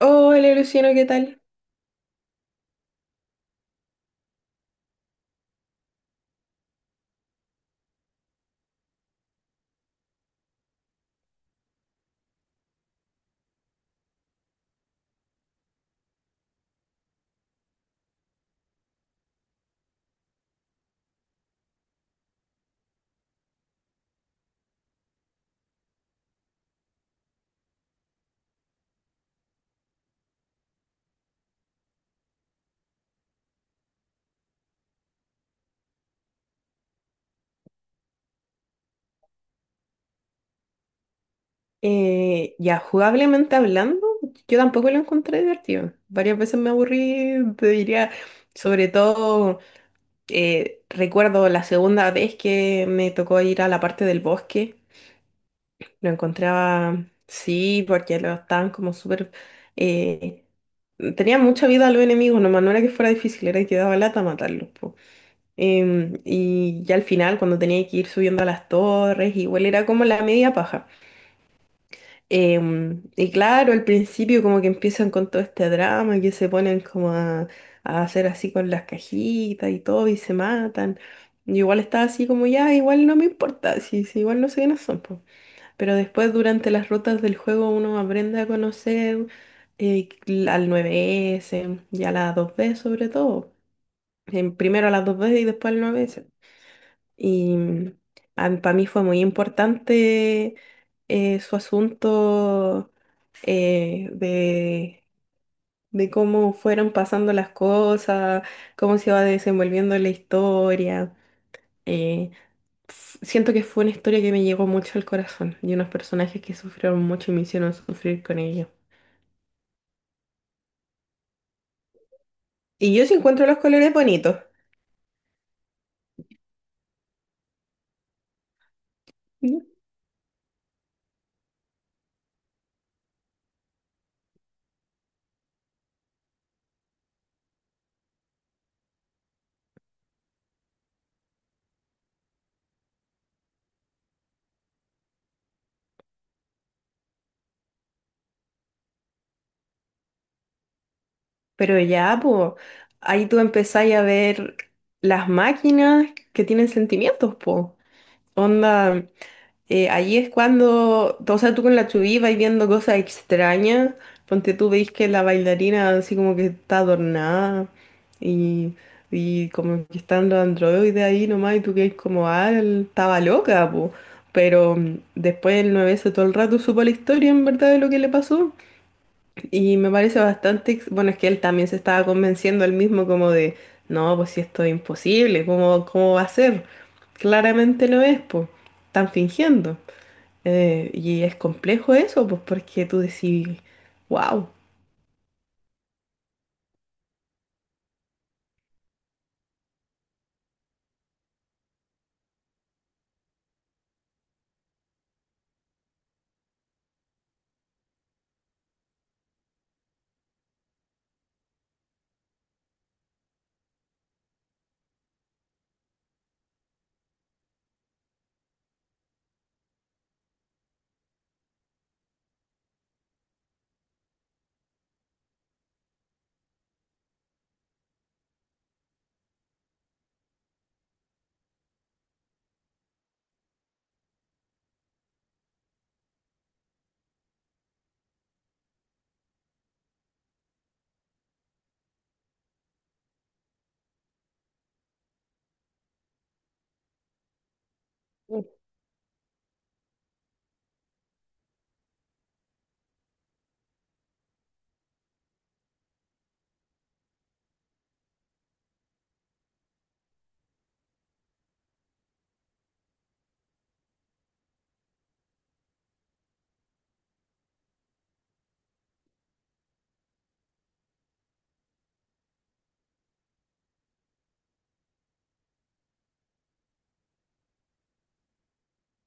Hola Luciano, ¿qué tal? Ya, Jugablemente hablando, yo tampoco lo encontré divertido. Varias veces me aburrí, te diría, sobre todo recuerdo la segunda vez que me tocó ir a la parte del bosque, lo encontraba, sí, porque lo estaban como súper... eh, tenía mucha vida a los enemigos, nomás no era que fuera difícil, era que daba lata matarlos. Po. Y ya al final, cuando tenía que ir subiendo a las torres, igual era como la media paja. Y claro, al principio como que empiezan con todo este drama, que se ponen como a hacer así con las cajitas y todo y se matan. Yo igual estaba así como ya, igual no me importa, si igual no sé quiénes son. Po". Pero después durante las rutas del juego uno aprende a conocer eh, al nueve s y a las 2B sobre todo. Primero a las dos b y después al nueve s y para mí fue muy importante su asunto eh, de, de cómo fueron pasando las cosas, cómo se va desenvolviendo la historia. Eh, Siento que fue una historia que me llegó mucho al corazón y unos personajes que sufrieron mucho y me hicieron sufrir con ellos. Y yo sí encuentro los colores bonitos. ¿Mm? Pero ya, pues, ahí tú empezáis a ver las máquinas que tienen sentimientos, pues. Onda, ahí es cuando, o sea, tú con la chubí vais viendo cosas extrañas. Ponte tú, veis que la bailarina así como que está adornada y, y como que están los androides ahí nomás y tú que como, ah, él estaba loca, po". Pero después el nueve s todo el rato supo la historia en verdad de lo que le pasó. Y me parece bastante, bueno, es que él también se estaba convenciendo él mismo como de, no, pues si esto es imposible, ¿cómo, cómo va a ser? Claramente lo es, pues, están fingiendo. Y es complejo eso, pues porque tú decís, wow,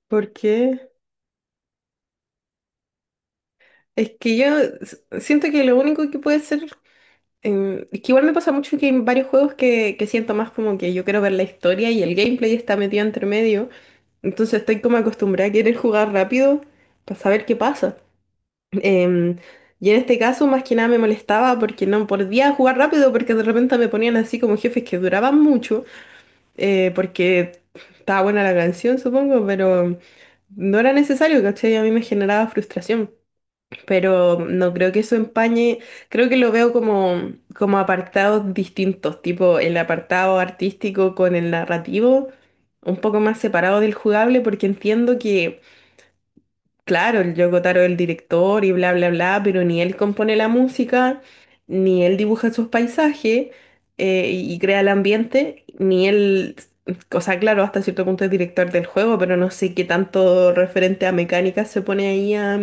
porque es que yo siento que lo único que puede ser, es que igual me pasa mucho que en varios juegos que siento más como que yo quiero ver la historia y el gameplay está metido entre medio, entonces estoy como acostumbrada a querer jugar rápido para saber qué pasa. Em, y en este caso, más que nada me molestaba porque no podía jugar rápido, porque de repente me ponían así como jefes que duraban mucho, porque estaba buena la canción, supongo, pero no era necesario, ¿cachai? A mí me generaba frustración, pero no creo que eso empañe, creo que lo veo como, como apartados distintos, tipo el apartado artístico con el narrativo, un poco más separado del jugable, porque entiendo que... Claro, el Yoko Taro es el director y bla, bla, bla, pero ni él compone la música, ni él dibuja sus paisajes y y crea el ambiente, ni él, o sea, claro, hasta cierto punto es director del juego, pero no sé qué tanto referente a mecánica se pone ahí a,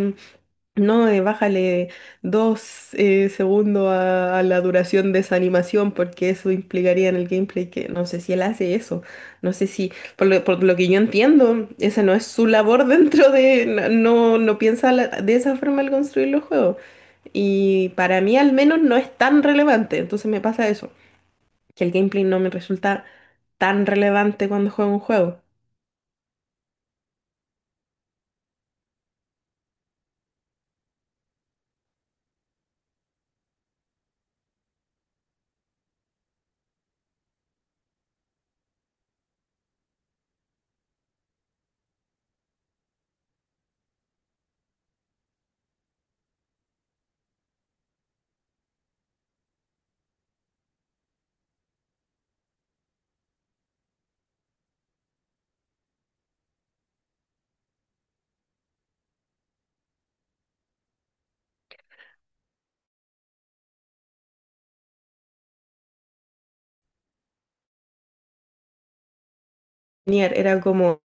no, bájale dos segundos a la duración de esa animación porque eso implicaría en el gameplay que no sé si él hace eso, no sé si, por lo que yo entiendo, esa no es su labor dentro de, no piensa de esa forma al construir los juegos y para mí al menos no es tan relevante, entonces me pasa eso, que el gameplay no me resulta tan relevante cuando juego un juego. Nier era como...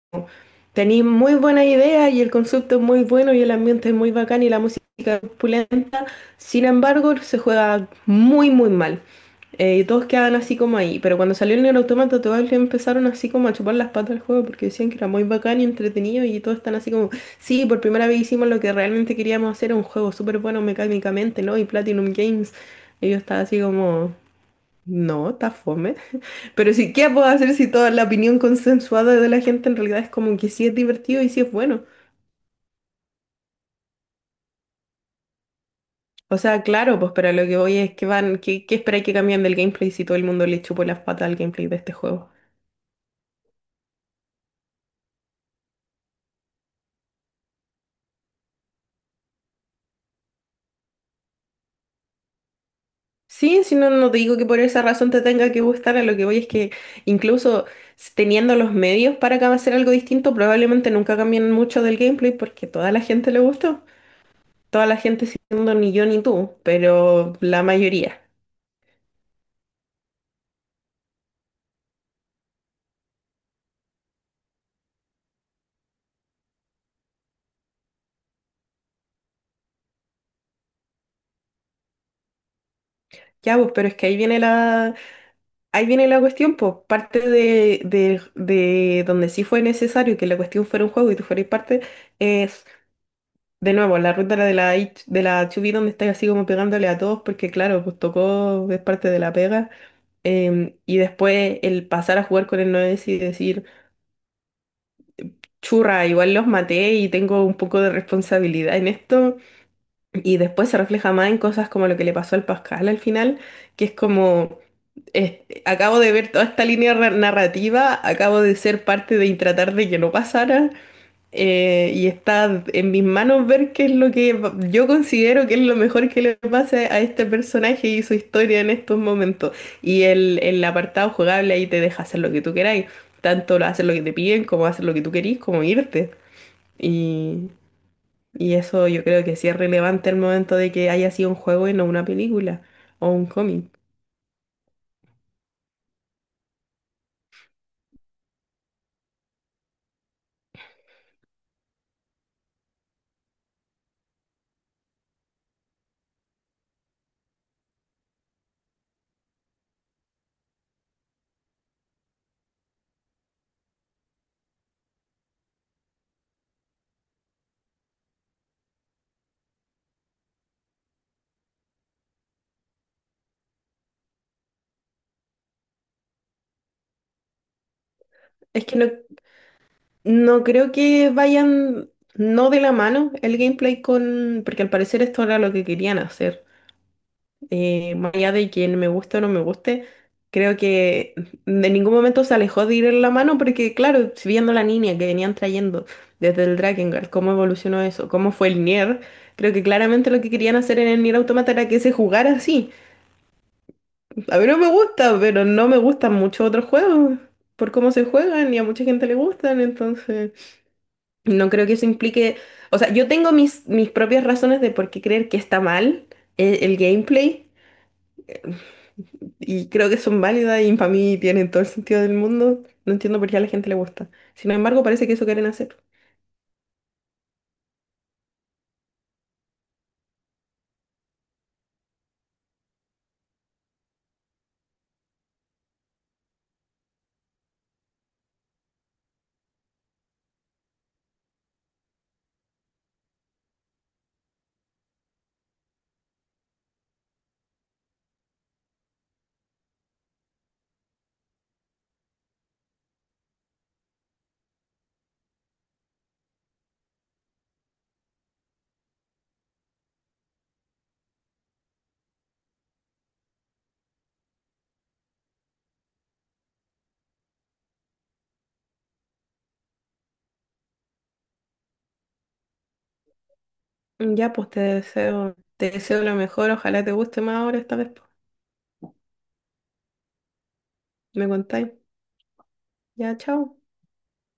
Tenéis muy buena idea y el concepto es muy bueno y el ambiente es muy bacán y la música es opulenta. Sin embargo, se juega muy, muy mal. Y todos quedan así como ahí. Pero cuando salió el Nier Automata, todos le empezaron así como a chupar las patas al juego porque decían que era muy bacán y entretenido. Y todos están así como, sí, por primera vez hicimos lo que realmente queríamos hacer, un juego súper bueno mecánicamente, ¿no? Y Platinum Games. Y yo estaba así como, no, está fome. Pero sí, ¿qué puedo hacer si toda la opinión consensuada de la gente en realidad es como que sí es divertido y sí es bueno? O sea, claro, pues, pero lo que voy es que van, ¿qué, qué esperáis que cambien del gameplay si todo el mundo le chupó las patas al gameplay de este juego? Sí, si no, no te digo que por esa razón te tenga que gustar, a lo que voy es que incluso teniendo los medios para hacer algo distinto, probablemente nunca cambien mucho del gameplay porque toda la gente le gustó. Toda la gente siendo ni yo ni tú, pero la mayoría. Ya, pues, pero es que ahí viene. Ahí viene la cuestión, pues, parte de, de donde sí fue necesario que la cuestión fuera un juego y tú fueras parte, es de nuevo la ruta de la, de la HB donde estás así como pegándole a todos, porque claro, pues tocó, es parte de la pega. Y después el pasar a jugar con el 9 y decir, churra, igual los maté y tengo un poco de responsabilidad en esto. Y después se refleja más en cosas como lo que le pasó al Pascal al final, que es como. es- Acabo de ver toda esta línea narrativa, acabo de ser parte de tratar de que no pasara, y está en mis manos ver qué es lo que yo considero que es lo mejor que le pase a este personaje y su historia en estos momentos. Y el apartado jugable ahí te deja hacer lo que tú queráis, tanto lo hacer lo que te piden, como hacer lo que tú querís, como irte. Y, y eso yo creo que sí es relevante el momento de que haya sido un juego y no una película o un cómic. Es que no, no creo que vayan no de la mano el gameplay con, porque al parecer esto era lo que querían hacer. Más allá de quien me guste o no me guste, creo que de ningún momento se alejó de ir en la mano porque, claro, si viendo la línea que venían trayendo desde el Drakengard, cómo evolucionó eso, cómo fue el Nier, creo que claramente lo que querían hacer en el Nier Automata era que se jugara así. A mí no me gusta, pero no me gustan muchos otros juegos por cómo se juegan y a mucha gente le gustan, entonces... No creo que eso implique, o sea, yo tengo mis propias razones de por qué creer que está mal gameplay y creo que son válidas y para mí tienen todo el sentido del mundo. No entiendo por qué a la gente le gusta. Sin embargo, parece que eso quieren hacer. Ya, pues te deseo lo mejor, ojalá te guste más ahora esta vez. Pues. Me contáis. Ya, chao.